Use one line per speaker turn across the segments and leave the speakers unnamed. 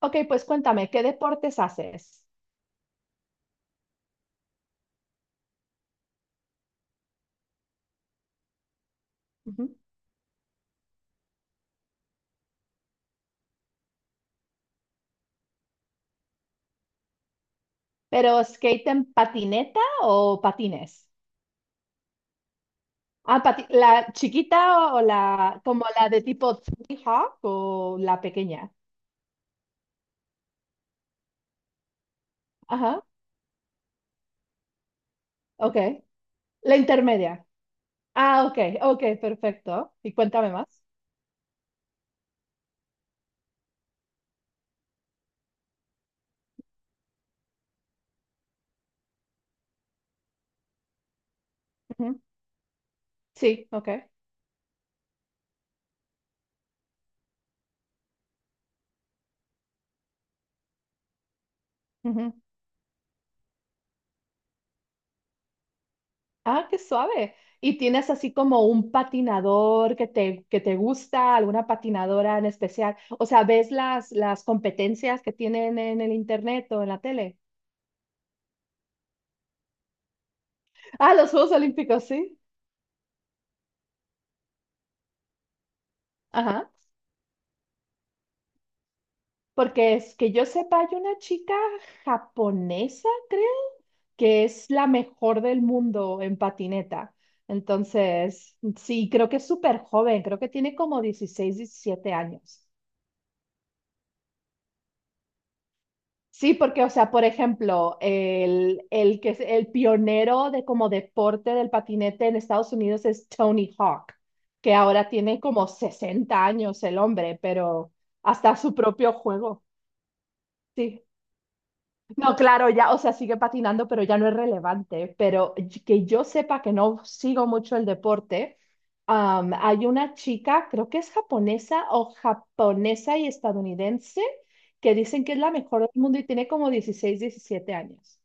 Ok, pues cuéntame, ¿qué deportes haces? Ujú. ¿Pero skate en patineta o patines? Ah, ¿la chiquita o la, como la de tipo Tony Hawk o la pequeña? Ajá, ok. La intermedia. Ah, ok, ok, perfecto. Y cuéntame más. Ujú. Sí, ok. Ah, qué suave. ¿Y tienes así como un patinador que te gusta, alguna patinadora en especial? O sea, ¿ves las competencias que tienen en el internet o en la tele? Ah, los Juegos Olímpicos, sí. Ajá. Porque es que yo sepa, hay una chica japonesa, creo, que es la mejor del mundo en patineta. Entonces, sí, creo que es súper joven, creo que tiene como 16, 17 años. Sí, porque, o sea, por ejemplo, el que es el pionero de como deporte del patinete en Estados Unidos es Tony Hawk, que ahora tiene como 60 años el hombre, pero hasta su propio juego. Sí. No, claro, ya, o sea, sigue patinando, pero ya no es relevante. Pero que yo sepa que no sigo mucho el deporte, hay una chica, creo que es japonesa o japonesa y estadounidense, que dicen que es la mejor del mundo y tiene como 16, 17 años.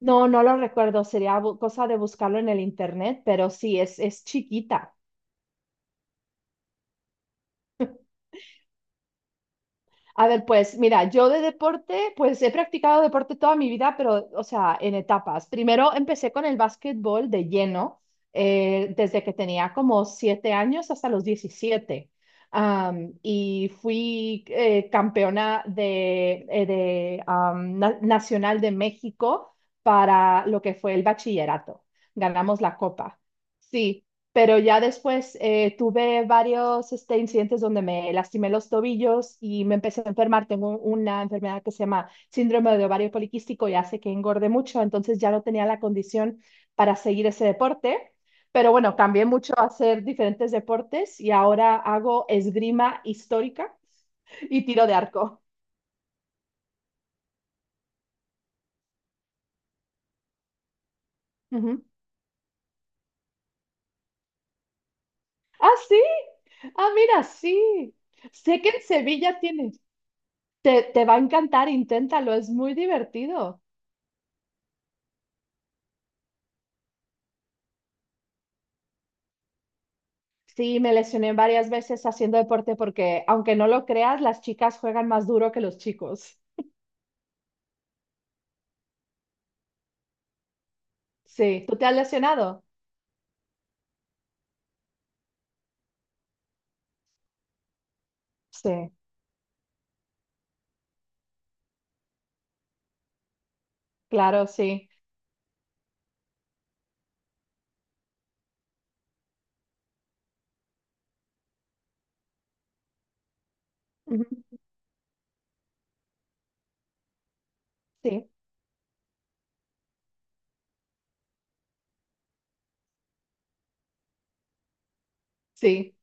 No, no lo recuerdo, sería cosa de buscarlo en el internet, pero sí, es chiquita. A ver, pues mira, yo de deporte, pues he practicado deporte toda mi vida, pero, o sea, en etapas. Primero empecé con el básquetbol de lleno, desde que tenía como 7 años hasta los 17. Y fui campeona de, Nacional de México para lo que fue el bachillerato. Ganamos la copa. Sí, pero ya después tuve varios incidentes donde me lastimé los tobillos y me empecé a enfermar. Tengo una enfermedad que se llama síndrome de ovario poliquístico y hace que engorde mucho, entonces ya no tenía la condición para seguir ese deporte. Pero bueno, cambié mucho a hacer diferentes deportes y ahora hago esgrima histórica y tiro de arco. Ujú. Ah, sí. Ah, mira, sí. Sé que en Sevilla tienes. Te va a encantar, inténtalo, es muy divertido. Sí, me lesioné varias veces haciendo deporte porque, aunque no lo creas, las chicas juegan más duro que los chicos. Sí, ¿tú te has lesionado? Sí, claro, sí. Ujú. Sí, sí.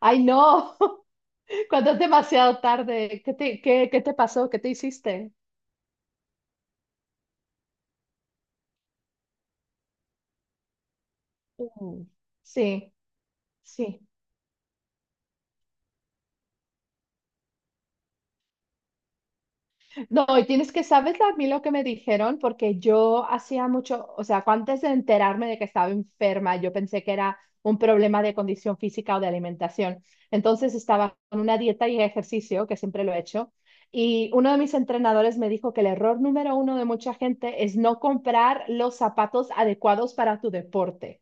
Ay, no, cuando es demasiado tarde, ¿qué te pasó? ¿Qué te hiciste? Mm. Sí, sí. No, y tienes que, ¿sabes a mí lo que me dijeron? Porque yo hacía mucho, o sea, antes de enterarme de que estaba enferma, yo pensé que era un problema de condición física o de alimentación. Entonces estaba con una dieta y ejercicio, que siempre lo he hecho, y uno de mis entrenadores me dijo que el error número uno de mucha gente es no comprar los zapatos adecuados para tu deporte.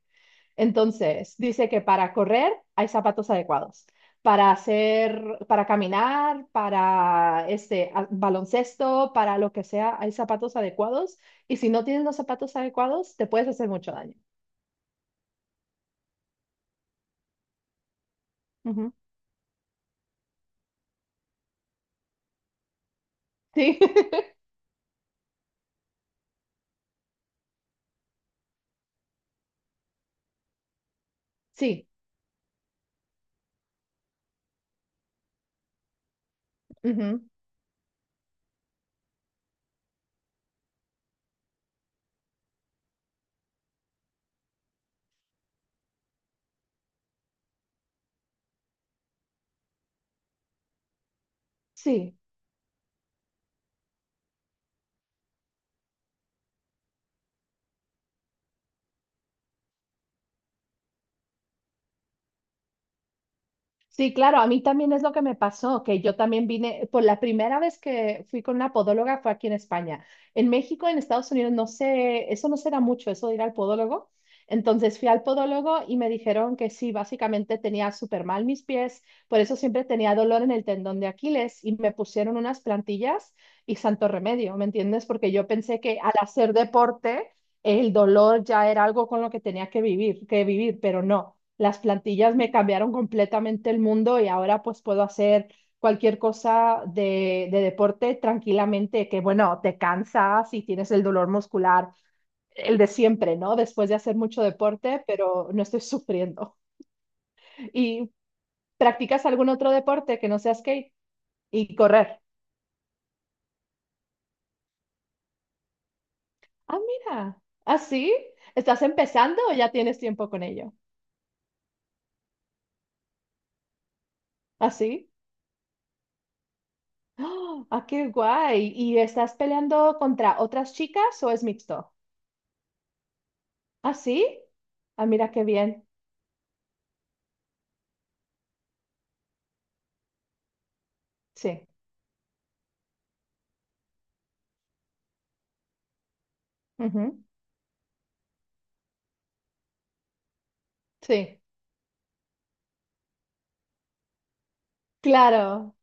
Entonces, dice que para correr hay zapatos adecuados, para hacer, para caminar, para baloncesto, para lo que sea, hay zapatos adecuados y si no tienes los zapatos adecuados, te puedes hacer mucho daño. Ujú. Sí, sí, ujú. Sí. Sí, claro, a mí también es lo que me pasó, que yo también vine, por la primera vez que fui con una podóloga fue aquí en España. En México, en Estados Unidos, no sé, eso no será mucho, eso de ir al podólogo. Entonces fui al podólogo y me dijeron que sí, básicamente tenía súper mal mis pies, por eso siempre tenía dolor en el tendón de Aquiles y me pusieron unas plantillas y santo remedio, ¿me entiendes? Porque yo pensé que al hacer deporte el dolor ya era algo con lo que tenía que vivir, pero no las plantillas me cambiaron completamente el mundo y ahora pues puedo hacer cualquier cosa de deporte tranquilamente, que bueno, te cansas y tienes el dolor muscular, el de siempre, ¿no? Después de hacer mucho deporte, pero no estoy sufriendo. ¿Y practicas algún otro deporte que no sea skate y correr? Ah, mira, así. ¿Estás empezando o ya tienes tiempo con ello? ¿Así? ¿Ah, sí? ¡Ah, qué guay! ¿Y estás peleando contra otras chicas o es mixto? ¿Ah, sí? Ah, mira qué bien. Sí. Ujú. Sí. Claro.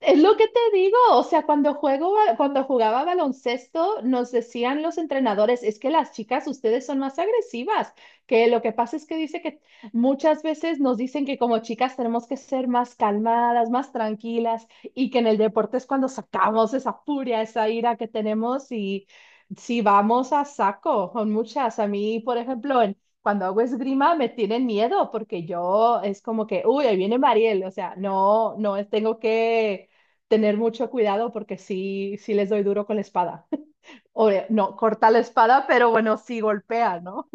Es lo que te digo, o sea, cuando juego, cuando jugaba baloncesto, nos decían los entrenadores, es que las chicas, ustedes son más agresivas, que lo que pasa es que dice que muchas veces nos dicen que como chicas tenemos que ser más calmadas, más tranquilas, y que en el deporte es cuando sacamos esa furia, esa ira que tenemos y si vamos a saco con muchas. A mí, por ejemplo, cuando hago esgrima me tienen miedo porque yo es como que, uy, ahí viene Mariel, o sea, no, no tengo que tener mucho cuidado porque sí, sí les doy duro con la espada. O no, corta la espada, pero bueno, sí golpea, ¿no?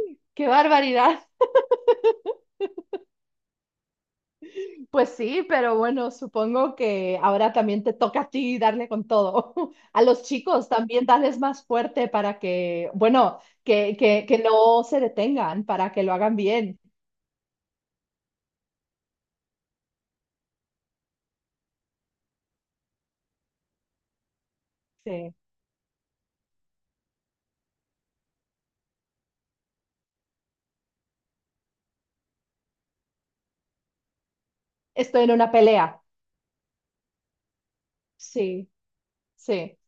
¡Qué barbaridad! Pues sí, pero bueno, supongo que ahora también te toca a ti darle con todo. A los chicos también darles más fuerte para que, bueno, que no se detengan, para que lo hagan bien. Sí. Estoy en una pelea. Sí, sí,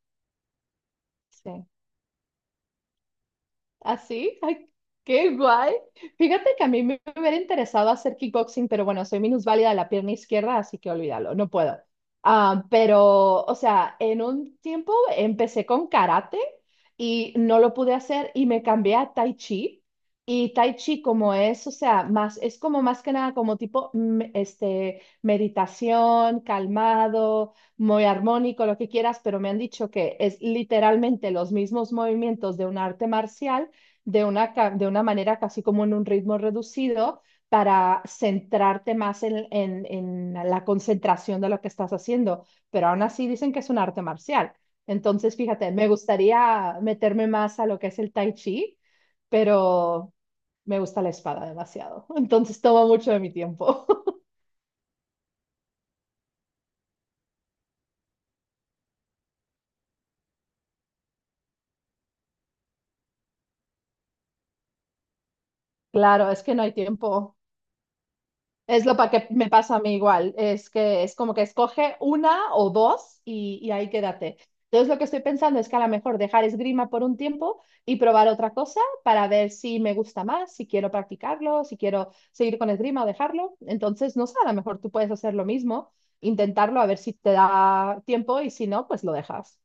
sí. ¿Así? Ay, qué guay. Fíjate que a mí me hubiera interesado hacer kickboxing, pero bueno, soy minusválida de la pierna izquierda, así que olvídalo, no puedo. Ah, pero, o sea, en un tiempo empecé con karate y no lo pude hacer y me cambié a tai chi. Y tai chi como es, o sea, más, es como más que nada como tipo, meditación, calmado, muy armónico, lo que quieras, pero me han dicho que es literalmente los mismos movimientos de un arte marcial de una manera casi como en un ritmo reducido para centrarte más en la concentración de lo que estás haciendo. Pero aún así dicen que es un arte marcial. Entonces, fíjate, me gustaría meterme más a lo que es el tai chi, pero me gusta la espada demasiado. Entonces toma mucho de mi tiempo. Claro, es que no hay tiempo. Es que me pasa a mí igual, es que es como que escoge una o dos y ahí quédate. Entonces lo que estoy pensando es que a lo mejor dejar esgrima por un tiempo y probar otra cosa para ver si me gusta más, si quiero practicarlo, si quiero seguir con esgrima o dejarlo. Entonces, no sé, a lo mejor tú puedes hacer lo mismo, intentarlo a ver si te da tiempo y si no, pues lo dejas.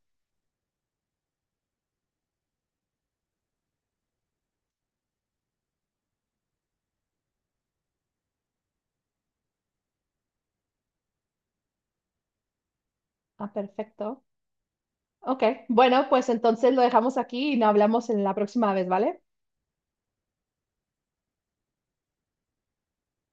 Ah, perfecto. Ok, bueno, pues entonces lo dejamos aquí y no hablamos en la próxima vez, ¿vale?